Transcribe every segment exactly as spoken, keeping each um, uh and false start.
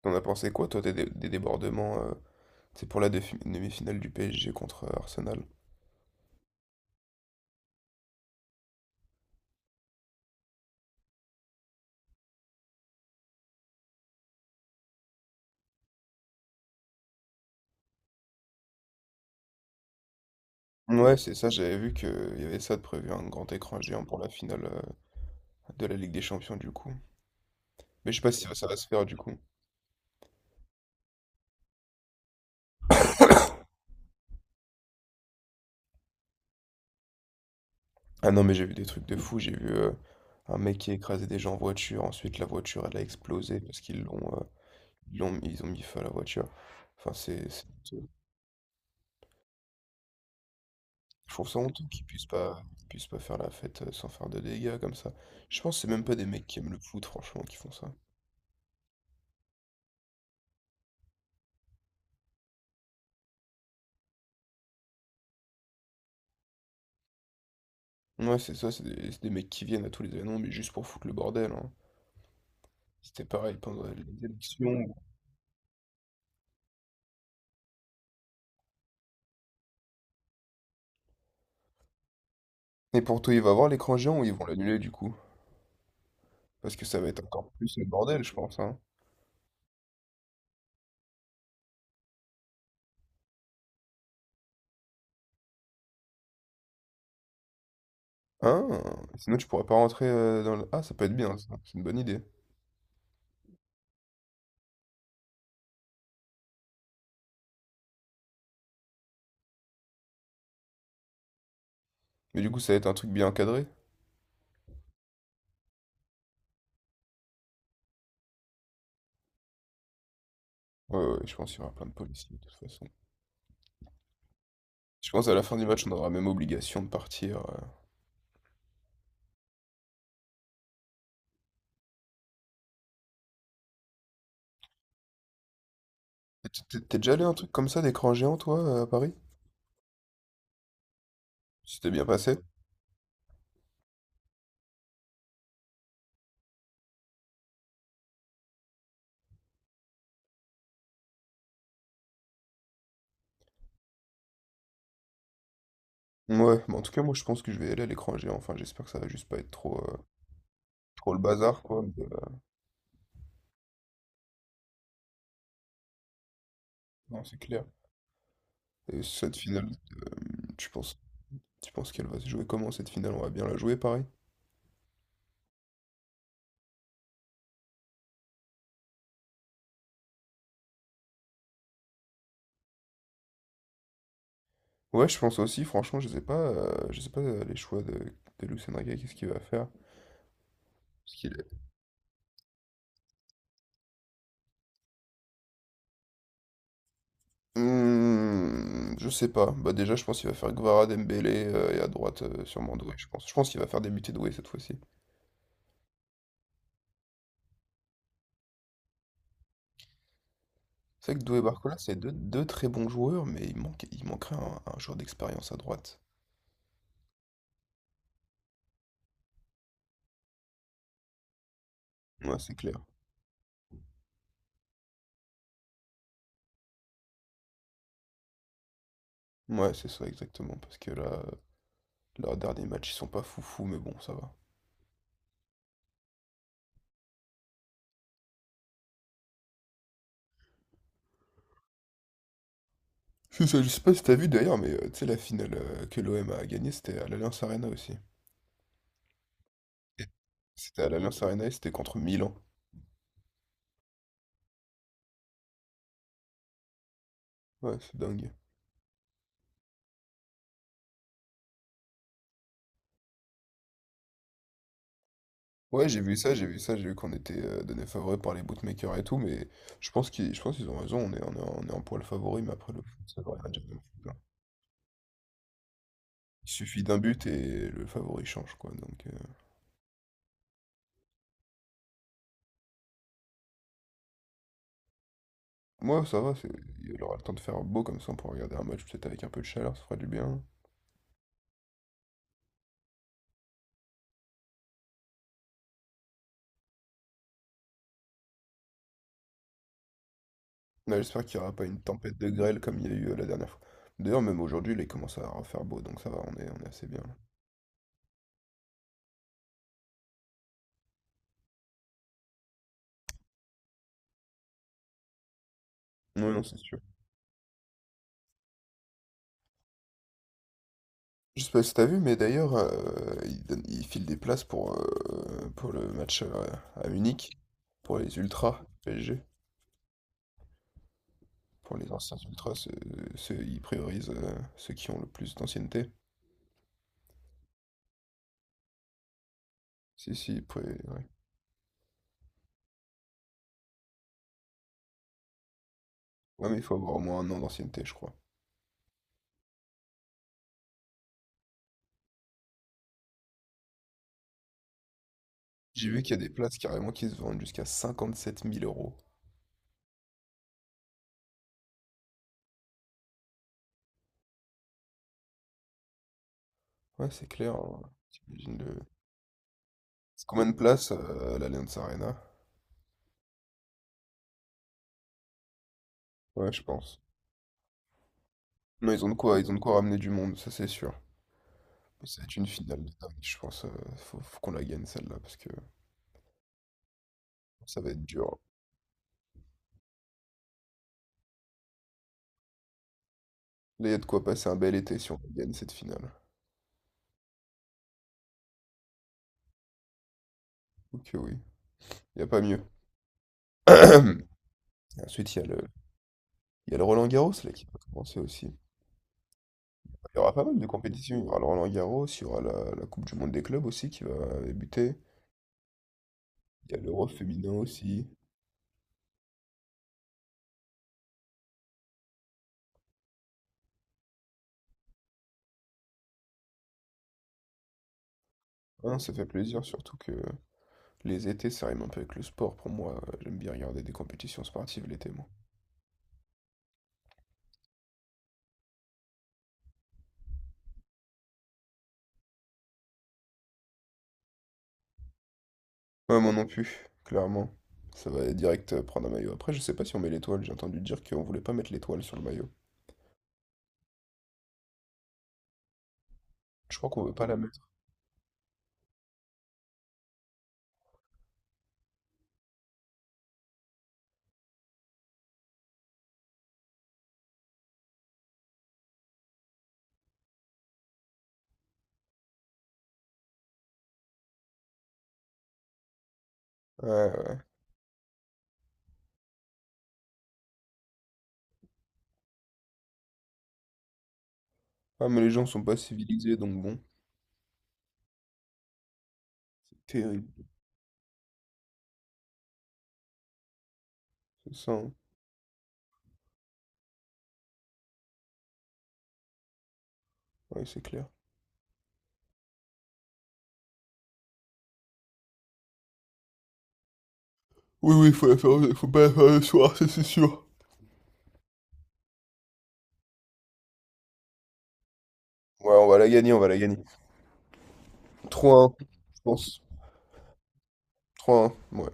T'en as pensé quoi, toi, des, dé- des débordements, euh, c'est pour la défi- demi-finale du P S G contre euh, Arsenal? Ouais, c'est ça, j'avais vu qu'il y avait ça de prévu, un grand écran géant pour la finale euh, de la Ligue des Champions, du coup. Mais je sais pas si ça va se faire, du coup. Ah non, mais j'ai vu des trucs de fou, j'ai vu euh, un mec qui a écrasé des gens en voiture, ensuite la voiture, elle a explosé parce qu'ils l'ont, euh, ils l'ont, mis- ils ont mis feu à la voiture. Enfin, c'est, c'est- honteux. Je trouve ça honteux qu'ils puissent pas, qu'ils puissent pas faire la fête euh, sans faire de dégâts comme ça. Je pense que c'est même pas des mecs qui aiment le foot, franchement, qui font ça. Ouais, c'est ça, c'est des c'est des mecs qui viennent à tous les événements, mais juste pour foutre le bordel, hein. C'était pareil pendant les élections. Et pour toi, il va avoir l'écran géant ou ils vont l'annuler du coup? Parce que ça va être encore plus le bordel, je pense, hein. Ah, sinon tu pourras pas rentrer euh, dans le. Ah, ça peut être bien, ça, c'est une bonne idée. Mais du coup, ça va être un truc bien encadré. Ouais, ouais, ouais, je pense qu'il y aura plein de policiers, de toute façon. Je pense à la fin du match, on aura même obligation de partir. euh. T'es t'es- t'es déjà allé à un truc comme ça, d'écran géant, toi, euh, à Paris? C'était bien passé? Ouais, mais en tout cas, moi, je pense que je vais aller à l'écran géant. Enfin, j'espère que ça va juste pas être trop... euh, trop le bazar, quoi. Mais, euh, non, c'est clair. Et cette finale, tu penses, tu penses qu'elle va se jouer comment cette finale? On va bien la jouer, pareil. Ouais, je pense aussi, franchement, je sais pas, euh, je sais pas euh, les choix de, de Luis Enrique, qu'est-ce qu'il va faire? Parce qu'il est- Hmm, je sais pas. Bah déjà, je pense qu'il va faire Gvara, Dembélé euh, et à droite euh, sûrement Doué, je pense. Je pense qu'il va faire débuter Doué cette fois-ci. C'est vrai que Doué et Barcola, c'est deux, deux très bons joueurs, mais il manque, il manquerait un, un joueur d'expérience à droite. Ouais, c'est clair. Ouais, c'est ça exactement, parce que là, euh, leurs derniers matchs, ils sont pas foufou, mais bon, ça va. C'est ça, je sais pas si t'as vu d'ailleurs, mais euh, tu sais, la finale euh, que l'O M a gagnée, c'était à l'Allianz Arena aussi. Et c'était à l'Allianz Arena et c'était contre Milan. Ouais, c'est dingue. Ouais, j'ai vu ça, j'ai vu ça, j'ai vu qu'on était euh, donné favori par les bookmakers et tout, mais je pense qu'ils je pense qu'ils ont raison, on est, on est, on est en poil favori, mais après le foot, ça va rien dire de foot, hein. Il suffit d'un but et le favori change, quoi. Donc, euh, moi, ça va, c'est- il aura le temps de faire beau comme ça, on pourra regarder un match peut-être avec un peu de chaleur, ça fera du bien. Non, j'espère qu'il n'y aura pas une tempête de grêle comme il y a eu euh, la dernière fois. D'ailleurs, même aujourd'hui, il commence à refaire beau, donc ça va, on est, on est assez bien là. Oui, non, c'est sûr. Je sais pas si t'as vu, mais d'ailleurs, euh, il, donne- il file des places pour, euh, pour le match euh, à Munich, pour les ultras P S G. Pour les anciens ultras, ceux, ceux- ils priorisent euh, ceux qui ont le plus d'ancienneté. Si, si, ils pri- ouais. Ouais, mais il faut avoir au moins un an d'ancienneté, je crois. J'ai vu qu'il y a des places carrément qui se vendent jusqu'à cinquante sept mille euros. Ouais, c'est clair, hein. T'imagines le. C'est combien de places, euh, l'Allianz Arena? Ouais, je pense. Non, ils ont de quoi, ils ont de quoi ramener du monde, ça c'est sûr. Ça va être une finale de dingue, je pense. euh, faut, faut qu'on la gagne celle-là, parce que ça va être dur. Là, il y a de quoi passer un bel été si on gagne cette finale. Ok, oui. Il n'y a pas mieux. Et ensuite, il y a le, il y a le Roland-Garros là qui va commencer aussi. Il y aura pas mal de compétitions. Il y aura le Roland-Garros, il y aura la, la Coupe du Monde des clubs aussi qui va débuter. Il y a l'Euro féminin aussi. Ah, ça fait plaisir, surtout que les étés, ça rime un peu avec le sport pour moi. euh, J'aime bien regarder des compétitions sportives l'été, moi. Ouais, moi non plus, clairement. Ça va direct euh, prendre un maillot. Après, je sais pas si on met l'étoile. J'ai entendu dire qu'on voulait pas mettre l'étoile sur le maillot. Je crois qu'on veut pas la mettre. Ouais, ouais. Ouais. Ah, mais les gens sont pas civilisés, donc bon. Terrible, c'est ça, hein. Ouais, c'est clair. Oui, oui, faut la faire, faut pas la faire le soir, ça c'est sûr. Ouais, on va la gagner, on va la gagner. trois un je pense. trois un ouais.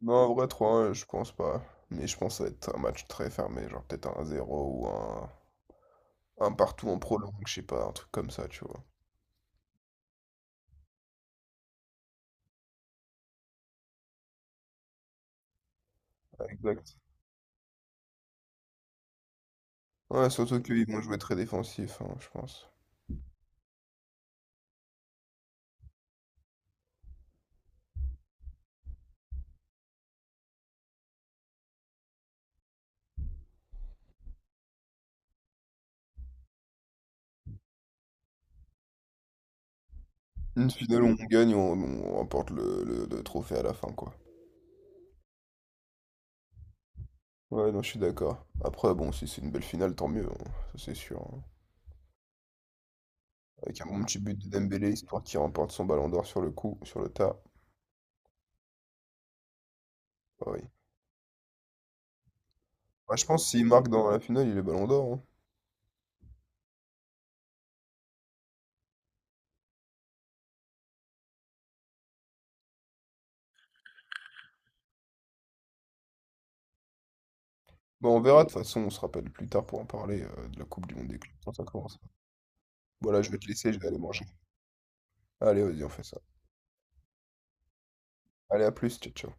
Non, en vrai, trois un je pense pas. Mais je pense que ça va être un match très fermé, genre peut-être un zéro ou un Un partout en prolongue, je sais pas, un truc comme ça, tu vois. Ouais, exact. Ouais, surtout qu'ils vont jouer très défensif, hein, je pense. Une finale où on gagne, on, on remporte le, le- le trophée à la fin, quoi. Ouais, non, je suis d'accord. Après, bon, si c'est une belle finale, tant mieux, hein, ça c'est sûr, hein. Avec un bon petit but de Dembélé, histoire qu'il remporte son ballon d'or sur le coup, sur le tas. Ah oui. Ouais, je pense que s'il marque dans la finale, il est ballon d'or, hein. Bon, on verra, de toute façon, on se rappelle plus tard pour en parler euh, de la Coupe du Monde des clubs quand ça commence. Voilà, je vais te laisser, je vais aller manger. Allez, vas-y, on fait ça. Allez, à plus, ciao, ciao.